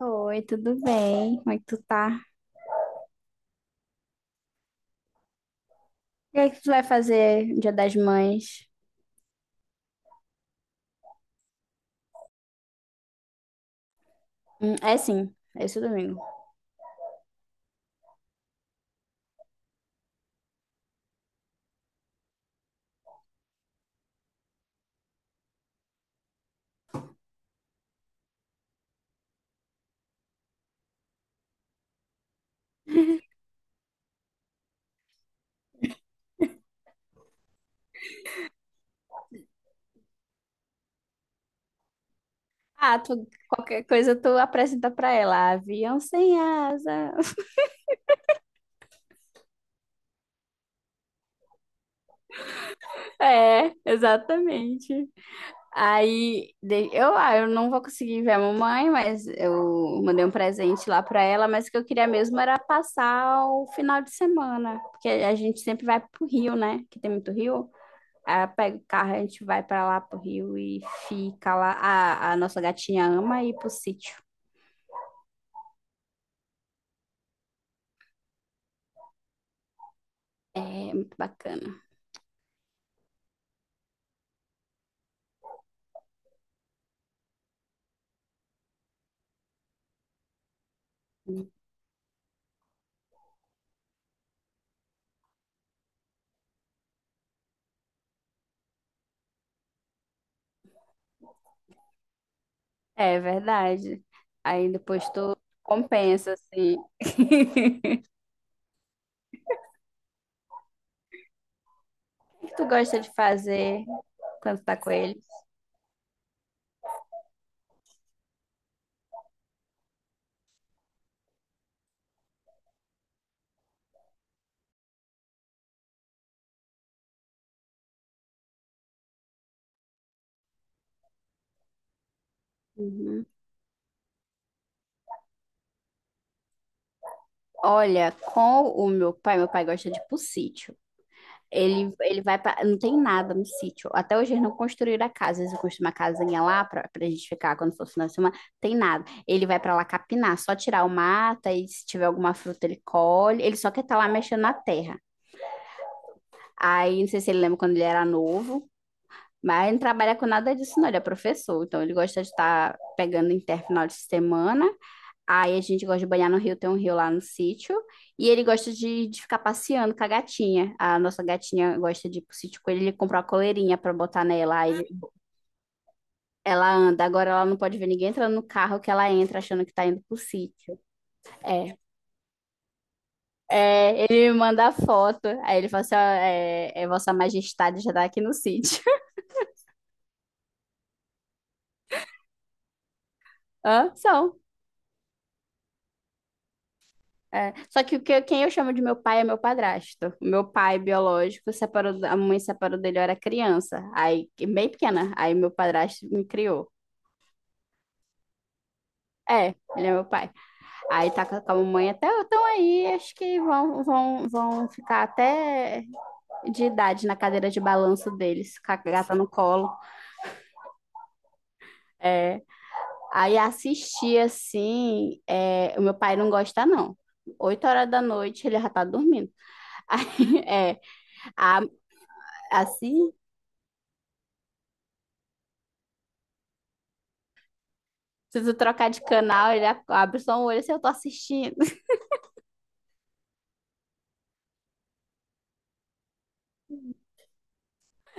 Oi, tudo bem? Como é que tu tá? O que é que tu vai fazer no Dia das Mães? É sim, é esse domingo. Ah, tu, qualquer coisa tu apresenta pra ela. Avião sem asa. É, exatamente. Aí de- eu, ah, eu não vou conseguir ver a mamãe, mas eu mandei um presente lá pra ela, mas o que eu queria mesmo era passar o final de semana, porque a gente sempre vai pro Rio, né? Que tem muito rio. Aí eu pego o carro, a gente vai pra lá pro Rio e fica lá. A nossa gatinha ama ir pro sítio. É muito bacana. É verdade. Aí depois tu compensa, assim. O que tu gosta de fazer quando tá com ele? Uhum. Olha, com o meu pai gosta de ir pro sítio. Ele vai pra. Não tem nada no sítio. Até hoje eles não construíram a casa. Eles construíram uma casinha lá pra gente ficar quando for final de semana. Tem nada. Ele vai pra lá capinar, só tirar o mata e se tiver alguma fruta ele colhe. Ele só quer estar lá mexendo na terra. Aí, não sei se ele lembra quando ele era novo, mas ele não trabalha com nada disso, não. Ele é professor, então ele gosta de estar pegando inter final de semana. Aí a gente gosta de banhar no rio, tem um rio lá no sítio. E ele gosta de ficar passeando com a gatinha. A nossa gatinha gosta de ir pro sítio com ele, ele comprou uma coleirinha pra botar nela. Ela anda. Agora ela não pode ver ninguém entrando no carro que ela entra achando que tá indo pro sítio. É. É, ele me manda a foto. Aí ele fala assim: ó, é Vossa Majestade já tá aqui no sítio. Hã? São. É, só que o que quem eu chamo de meu pai é meu padrasto. O meu pai biológico separou, a mãe separou dele, eu era criança. Aí, bem pequena. Aí meu padrasto me criou. É, ele é meu pai. Aí tá com a mamãe até então aí, acho que vão ficar até de idade na cadeira de balanço deles, com a gata no colo. É. Aí assistir assim, é, o meu pai não gosta, não. 8 horas da noite ele já tá dormindo. Aí, a- assim, se tu trocar de canal, ele abre só um olho assim, eu tô assistindo.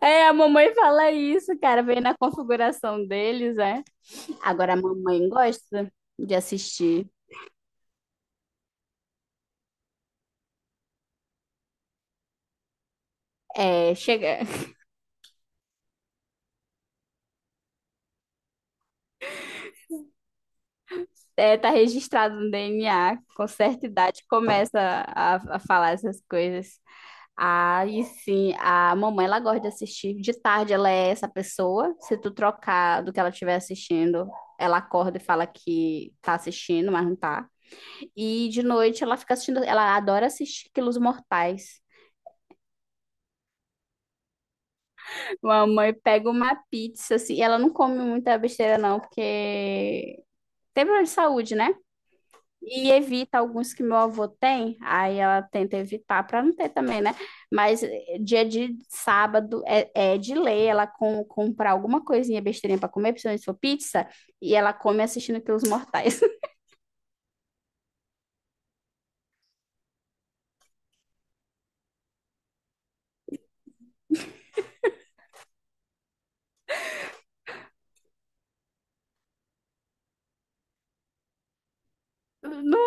É, a mamãe fala isso, cara, vem na configuração deles, é. Agora a mamãe gosta de assistir. É, chega, é, tá registrado no DNA, com certa idade começa a falar essas coisas. Aí sim, a mamãe ela gosta de assistir. De tarde ela é essa pessoa. Se tu trocar do que ela estiver assistindo, ela acorda e fala que tá assistindo, mas não tá. E de noite ela fica assistindo, ela adora assistir Quilos Mortais. Mamãe pega uma pizza, assim, ela não come muita besteira não, porque tem problema de saúde, né? E evita alguns que meu avô tem, aí ela tenta evitar para não ter também, né? Mas dia de sábado é de lei ela comprar alguma coisinha besteirinha para comer, principalmente se for pizza, e ela come assistindo Quilos Mortais. No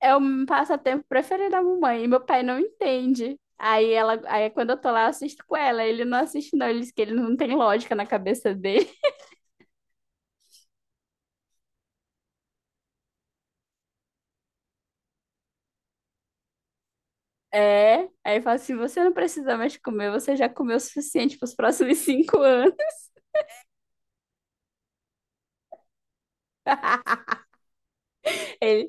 É o meu passatempo preferido da mamãe. E meu pai não entende. Aí quando eu tô lá, eu assisto com ela. Ele não assiste, não. Ele diz que ele não tem lógica na cabeça dele. É. Aí eu falo assim: você não precisa mais comer, você já comeu o suficiente pros próximos 5 anos. Ele,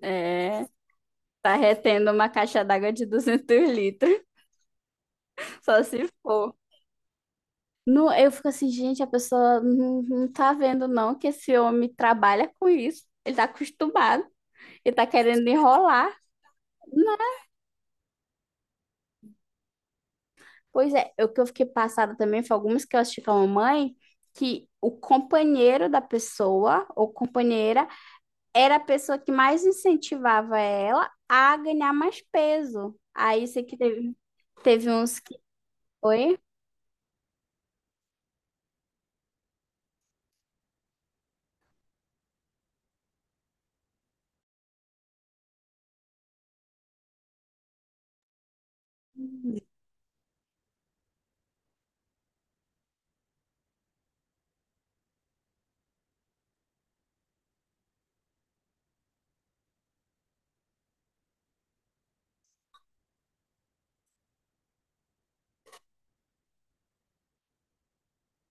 é, tá retendo uma caixa d'água de 200 litros, só se for. Não, eu fico assim, gente, a pessoa não tá vendo, não, que esse homem trabalha com isso. Ele tá acostumado, ele tá querendo enrolar. Pois é, o que eu fiquei passada também foi algumas que eu assisti com a mamãe, que o companheiro da pessoa, ou companheira, era a pessoa que mais incentivava ela a ganhar mais peso. Aí, sei que teve, teve uns que foi,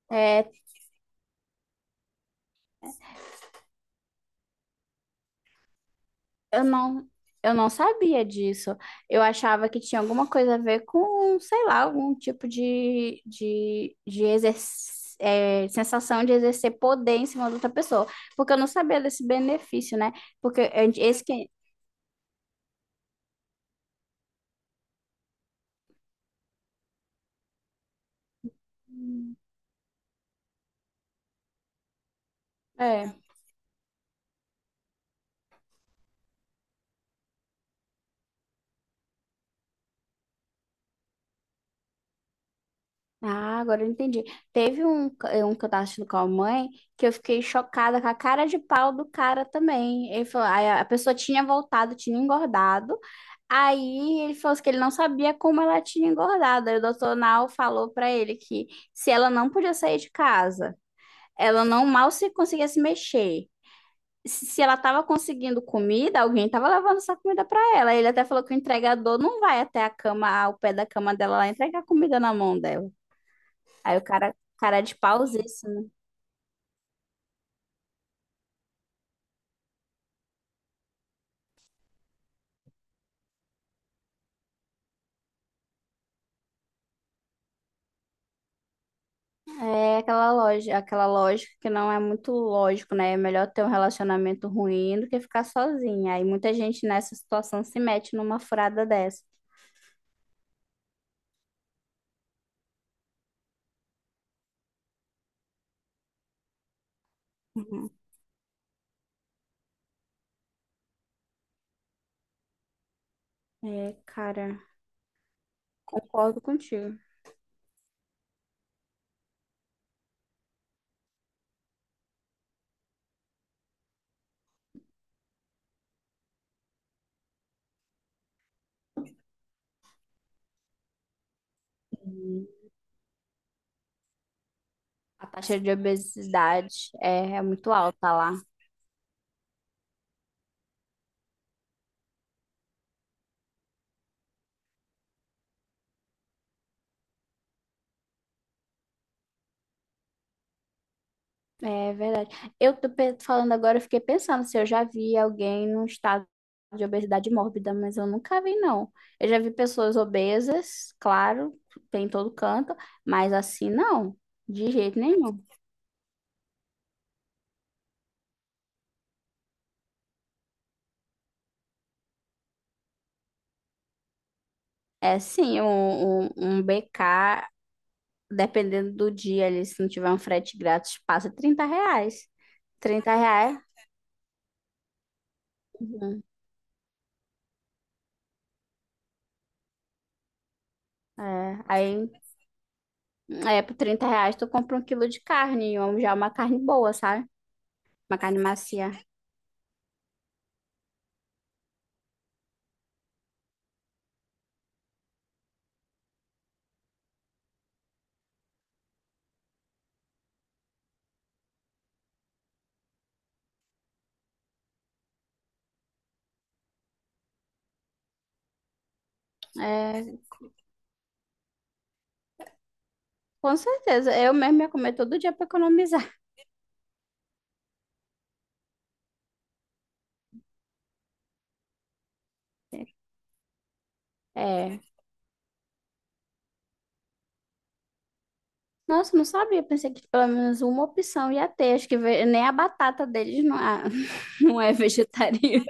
é, Eu eu não sabia disso. Eu achava que tinha alguma coisa a ver com, sei lá, algum tipo de, é, sensação de exercer poder em cima de outra pessoa. Porque eu não sabia desse benefício, né? Porque a esse que. É, Ah, agora eu entendi. Teve um que eu tava assistindo com a mãe que eu fiquei chocada com a cara de pau do cara também. Ele falou, aí a pessoa tinha voltado, tinha engordado. Aí ele falou assim que ele não sabia como ela tinha engordado. Aí o doutor Nau falou pra ele que se ela não podia sair de casa, ela não mal se conseguia se mexer. Se ela tava conseguindo comida, alguém tava levando essa comida pra ela. Ele até falou que o entregador não vai até a cama, ao pé da cama dela lá entregar comida na mão dela. Aí o cara, cara de pausíssimo. É aquela loja, aquela lógica que não é muito lógico, né? É melhor ter um relacionamento ruim do que ficar sozinha. Aí muita gente nessa situação se mete numa furada dessa. Uhum. É, cara, concordo contigo. A taxa de obesidade é muito alta lá. É verdade. Falando agora, eu fiquei pensando se eu já vi alguém num estado de obesidade mórbida, mas eu nunca vi, não. Eu já vi pessoas obesas, claro, tem em todo canto, mas assim não, de jeito nenhum. É sim, um BK, dependendo do dia ali, se não tiver um frete grátis, passa R$ 30. R$ 30. Uhum. É, aí, é, por R$ 30 tu compra um quilo de carne, ou já uma carne boa, sabe? Uma carne macia. É. Com certeza, eu mesmo ia comer todo dia para economizar. É. Nossa, não sabia, pensei que pelo menos uma opção ia ter. Nem a batata deles não, é- não é vegetariana.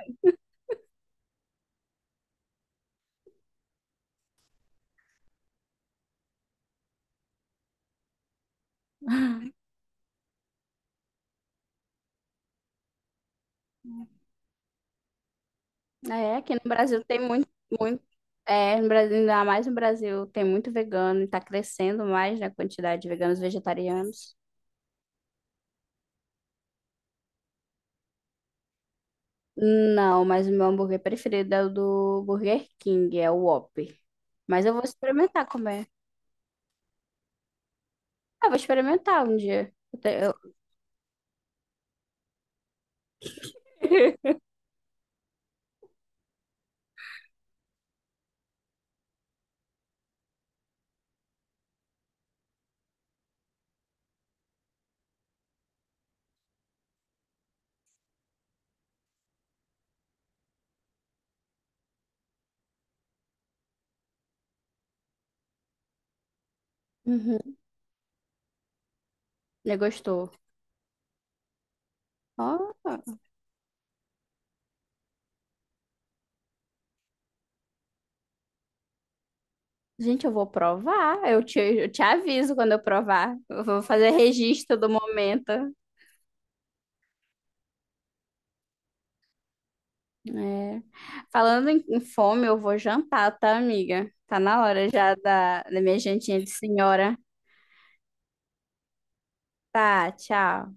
É, aqui no Brasil tem muito. É, no Brasil, ainda mais no Brasil, tem muito vegano e tá crescendo mais, né, a quantidade de veganos e vegetarianos. Não, mas o meu hambúrguer preferido é o do Burger King, é o Whopper. Mas eu vou experimentar comer. Ah, vou experimentar um dia. Uhum. Ele gostou. Ó, gente, eu vou provar. Eu te aviso quando eu provar. Eu vou fazer registro do momento. É. Falando em fome, eu vou jantar, tá, amiga? Tá na hora já da minha jantinha de senhora. Tá, tchau.